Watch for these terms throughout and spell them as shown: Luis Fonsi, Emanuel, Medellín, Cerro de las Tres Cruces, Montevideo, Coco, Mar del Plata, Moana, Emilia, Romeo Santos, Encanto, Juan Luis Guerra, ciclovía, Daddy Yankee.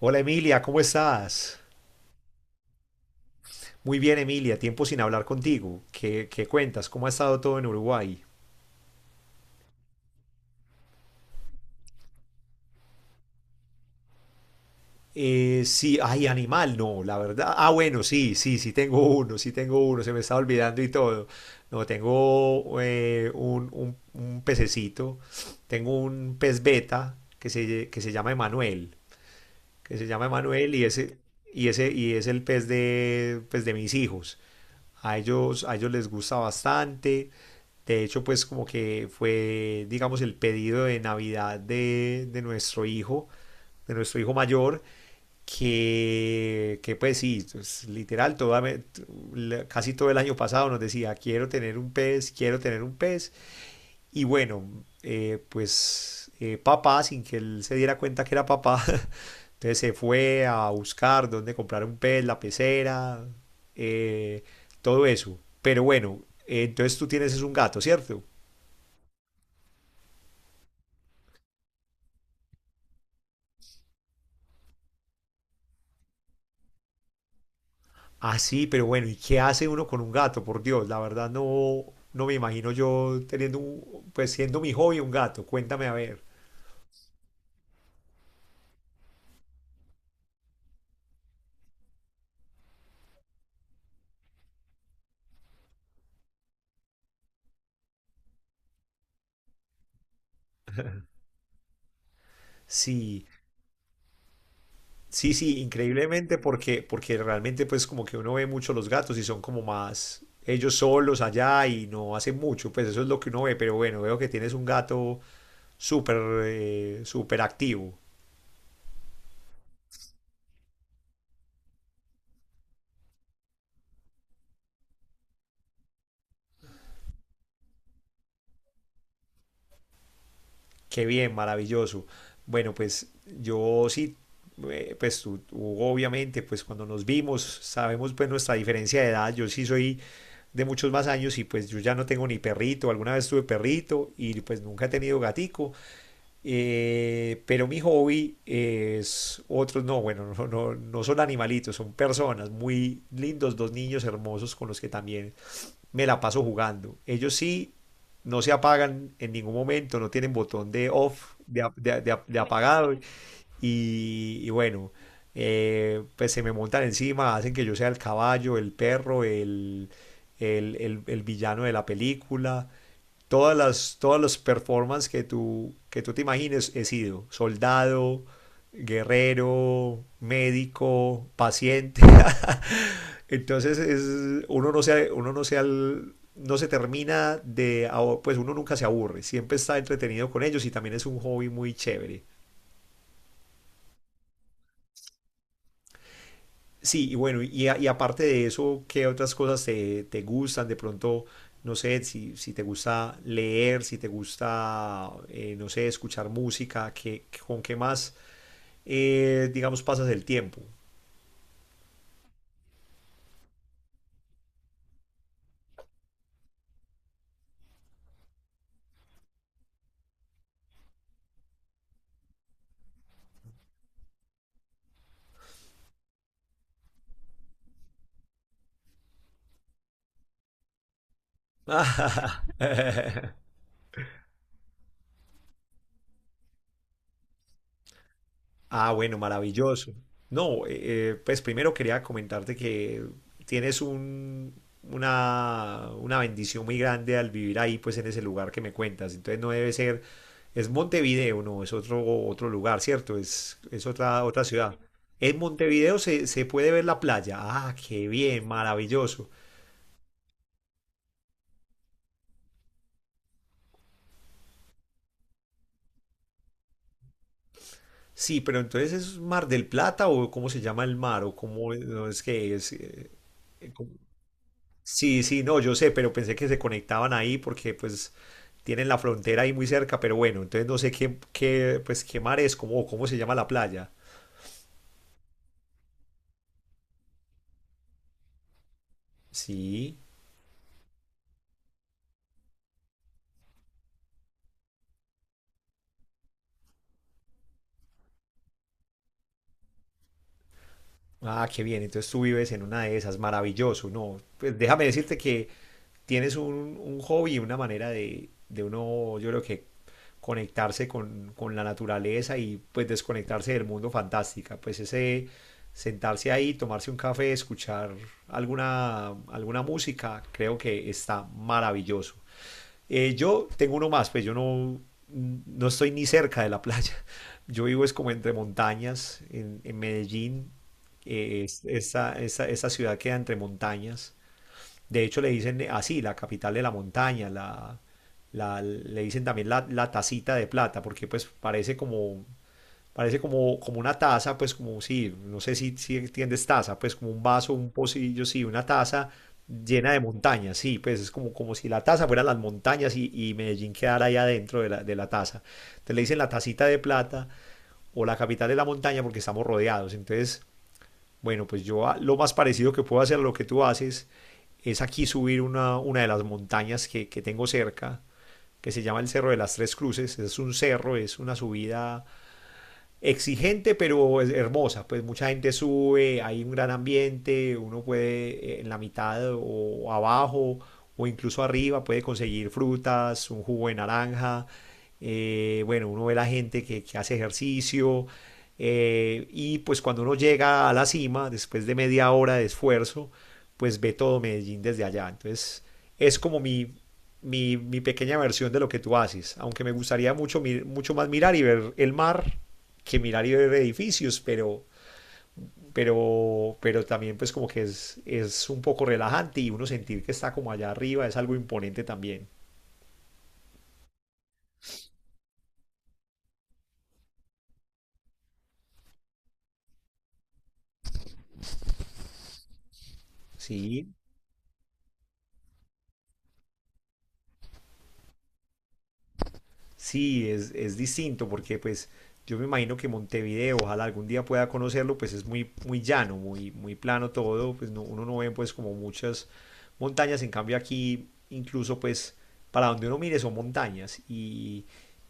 Hola Emilia, ¿cómo estás? Muy bien Emilia, tiempo sin hablar contigo. ¿Qué cuentas? ¿Cómo ha estado todo en Uruguay? Sí, ay, animal, no, la verdad. Ah, bueno, sí, sí, sí tengo uno, se me estaba olvidando y todo. No, tengo un pececito, tengo un pez beta que se llama Emanuel. que se llama Emanuel y ese, y es el pez de, pues, de mis hijos. A ellos les gusta bastante. De hecho, pues como que fue, digamos, el pedido de Navidad de nuestro hijo mayor, que pues sí, pues, literal, toda, me- t- la- casi todo el año pasado nos decía, quiero tener un pez, quiero tener un pez. Y bueno, papá, sin que él se diera cuenta que era papá, Entonces se fue a buscar dónde comprar un pez, la pecera, eh, todo eso. Pero bueno, entonces tú tienes es un gato, ¿cierto? Ah, sí, pero bueno, ¿y qué hace uno con un gato? Por Dios, la verdad no, no me imagino yo pues siendo mi hobby un gato. Cuéntame a ver. Sí, sí, sí, increíblemente porque realmente pues como que uno ve mucho los gatos y son como más ellos solos allá y no hacen mucho, pues eso es lo que uno ve, pero bueno, veo que tienes un gato súper súper activo. Qué bien, maravilloso. Bueno, pues yo sí, tú, obviamente, pues cuando nos vimos, sabemos pues nuestra diferencia de edad. Yo sí soy de muchos más años y pues yo ya no tengo ni perrito. Alguna vez tuve perrito y pues nunca he tenido gatico. Pero mi hobby es otros, no, bueno, no, no, no son animalitos, son personas muy lindos, dos niños hermosos con los que también me la paso jugando. Ellos sí no se apagan en ningún momento, no tienen botón de off, de apagado. Y bueno, pues se me montan encima, hacen que yo sea el caballo, el perro, el villano de la película. Todas las performances que tú te imagines he sido. Soldado, guerrero, médico, paciente. Entonces es, uno no se, al- no se termina de, pues uno nunca se aburre, siempre está entretenido con ellos y también es un hobby muy chévere. Sí, y bueno, y aparte de eso, ¿qué otras cosas te gustan? De pronto, no sé, si te gusta leer, si te gusta, no sé, escuchar música, ¿con qué más, digamos, pasas el tiempo? Ah, bueno, maravilloso. No, pues primero quería comentarte que tienes una bendición muy grande al vivir ahí, pues en ese lugar que me cuentas. Entonces no debe ser. Es Montevideo, no, es otro, otro lugar, ¿cierto? Es otra, otra ciudad. En Montevideo se puede ver la playa. Ah, qué bien, maravilloso. Sí, pero entonces es Mar del Plata o cómo se llama el mar o cómo no es que es... eh, cómo- Sí, sí, no, yo sé, pero pensé que se conectaban ahí porque pues tienen la frontera ahí muy cerca, pero bueno, entonces no sé pues qué mar es, cómo se llama la playa. Sí. Ah, qué bien. Entonces tú vives en una de esas. Maravilloso. No, pues déjame decirte que tienes un hobby, una manera de uno, yo creo que conectarse con la naturaleza y pues desconectarse del mundo fantástica. Pues ese sentarse ahí, tomarse un café, escuchar alguna música, creo que está maravilloso. Yo tengo uno más, pues yo no, no estoy ni cerca de la playa. Yo vivo es como entre montañas, en Medellín. Esa ciudad queda entre montañas. De hecho, le dicen así, la capital de la montaña, le dicen también la tacita de plata, porque pues parece como, como una taza, pues como sí, no sé si entiendes taza, pues como un vaso, un pocillo, sí, una taza llena de montañas, sí, pues es como, como si la taza fuera las montañas y Medellín quedara ahí adentro de la taza. Entonces le dicen la tacita de plata o la capital de la montaña porque estamos rodeados. Entonces bueno, lo más parecido que puedo hacer a lo que tú haces es aquí subir una de las montañas que tengo cerca, que se llama el Cerro de las Tres Cruces. Es un cerro, es una subida exigente pero es hermosa, pues mucha gente sube, hay un gran ambiente, uno puede en la mitad o abajo o incluso arriba puede conseguir frutas, un jugo de naranja, bueno, uno ve la gente que hace ejercicio, y pues cuando uno llega a la cima, después de media hora de esfuerzo, pues ve todo Medellín desde allá, entonces es como mi pequeña versión de lo que tú haces, aunque me gustaría mucho, mucho más mirar y ver el mar que mirar y ver edificios, pero, pero también pues como que es un poco relajante y uno sentir que está como allá arriba es algo imponente también. Sí, sí, es distinto porque pues yo me imagino que Montevideo, ojalá algún día pueda conocerlo, pues es muy, muy llano, muy, muy plano todo, uno no ve pues como muchas montañas, en cambio aquí incluso pues para donde uno mire son montañas y,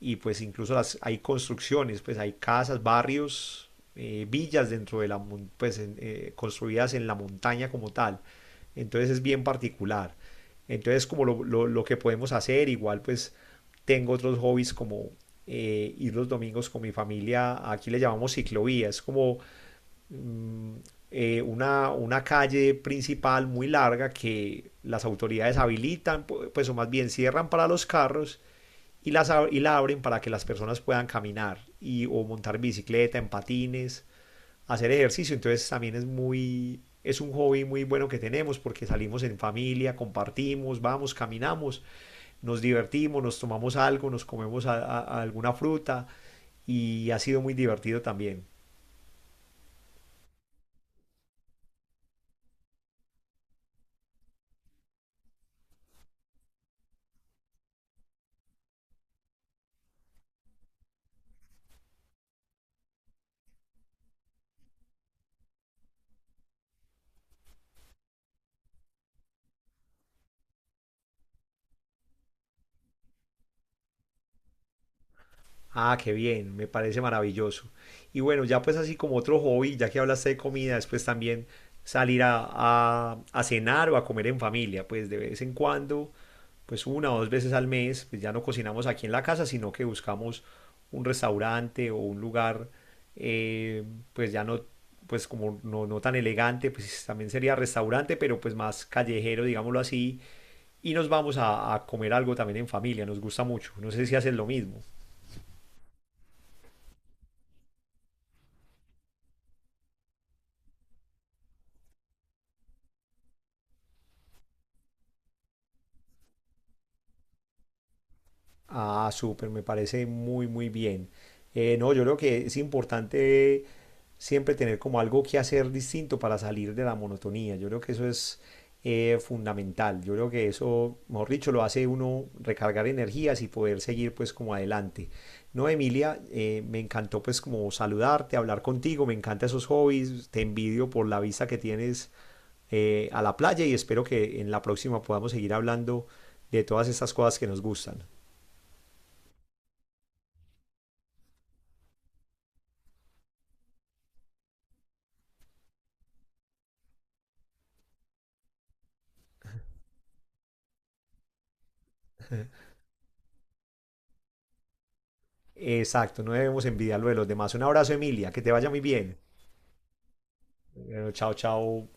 y, pues incluso las, hay construcciones, pues hay casas, barrios, villas dentro de la, construidas en la montaña como tal, entonces es bien particular. Entonces, como lo que podemos hacer, igual pues tengo otros hobbies como ir los domingos con mi familia, aquí le llamamos ciclovía, es como mm, una calle principal muy larga que las autoridades habilitan, pues o más bien cierran para los carros y la abren para que las personas puedan caminar y, o montar bicicleta, en patines, hacer ejercicio. Entonces también es muy, es un hobby muy bueno que tenemos porque salimos en familia, compartimos, vamos, caminamos, nos divertimos, nos tomamos algo, nos comemos a alguna fruta y ha sido muy divertido también. Ah, qué bien, me parece maravilloso. Y bueno, ya pues así como otro hobby, ya que hablaste de comida, después también salir a, a cenar o a comer en familia, pues de vez en cuando, pues una o dos veces al mes, pues ya no cocinamos aquí en la casa, sino que buscamos un restaurante o un lugar, eh, pues ya no, pues como no, no tan elegante, pues también sería restaurante, pero pues más callejero, digámoslo así, y nos vamos a comer algo también en familia, nos gusta mucho, no sé si haces lo mismo. Ah, súper, me parece muy, muy bien. No, yo creo que es importante siempre tener como algo que hacer distinto para salir de la monotonía. Yo creo que eso es fundamental. Yo creo que eso, mejor dicho, lo hace uno recargar energías y poder seguir pues como adelante. No, Emilia, me encantó pues como saludarte, hablar contigo, me encantan esos hobbies, te envidio por la vista que tienes a la playa y espero que en la próxima podamos seguir hablando de todas estas cosas que nos gustan. Exacto, no debemos envidiar lo de los demás. Un abrazo, Emilia, que te vaya muy bien. Bueno, chao, chao.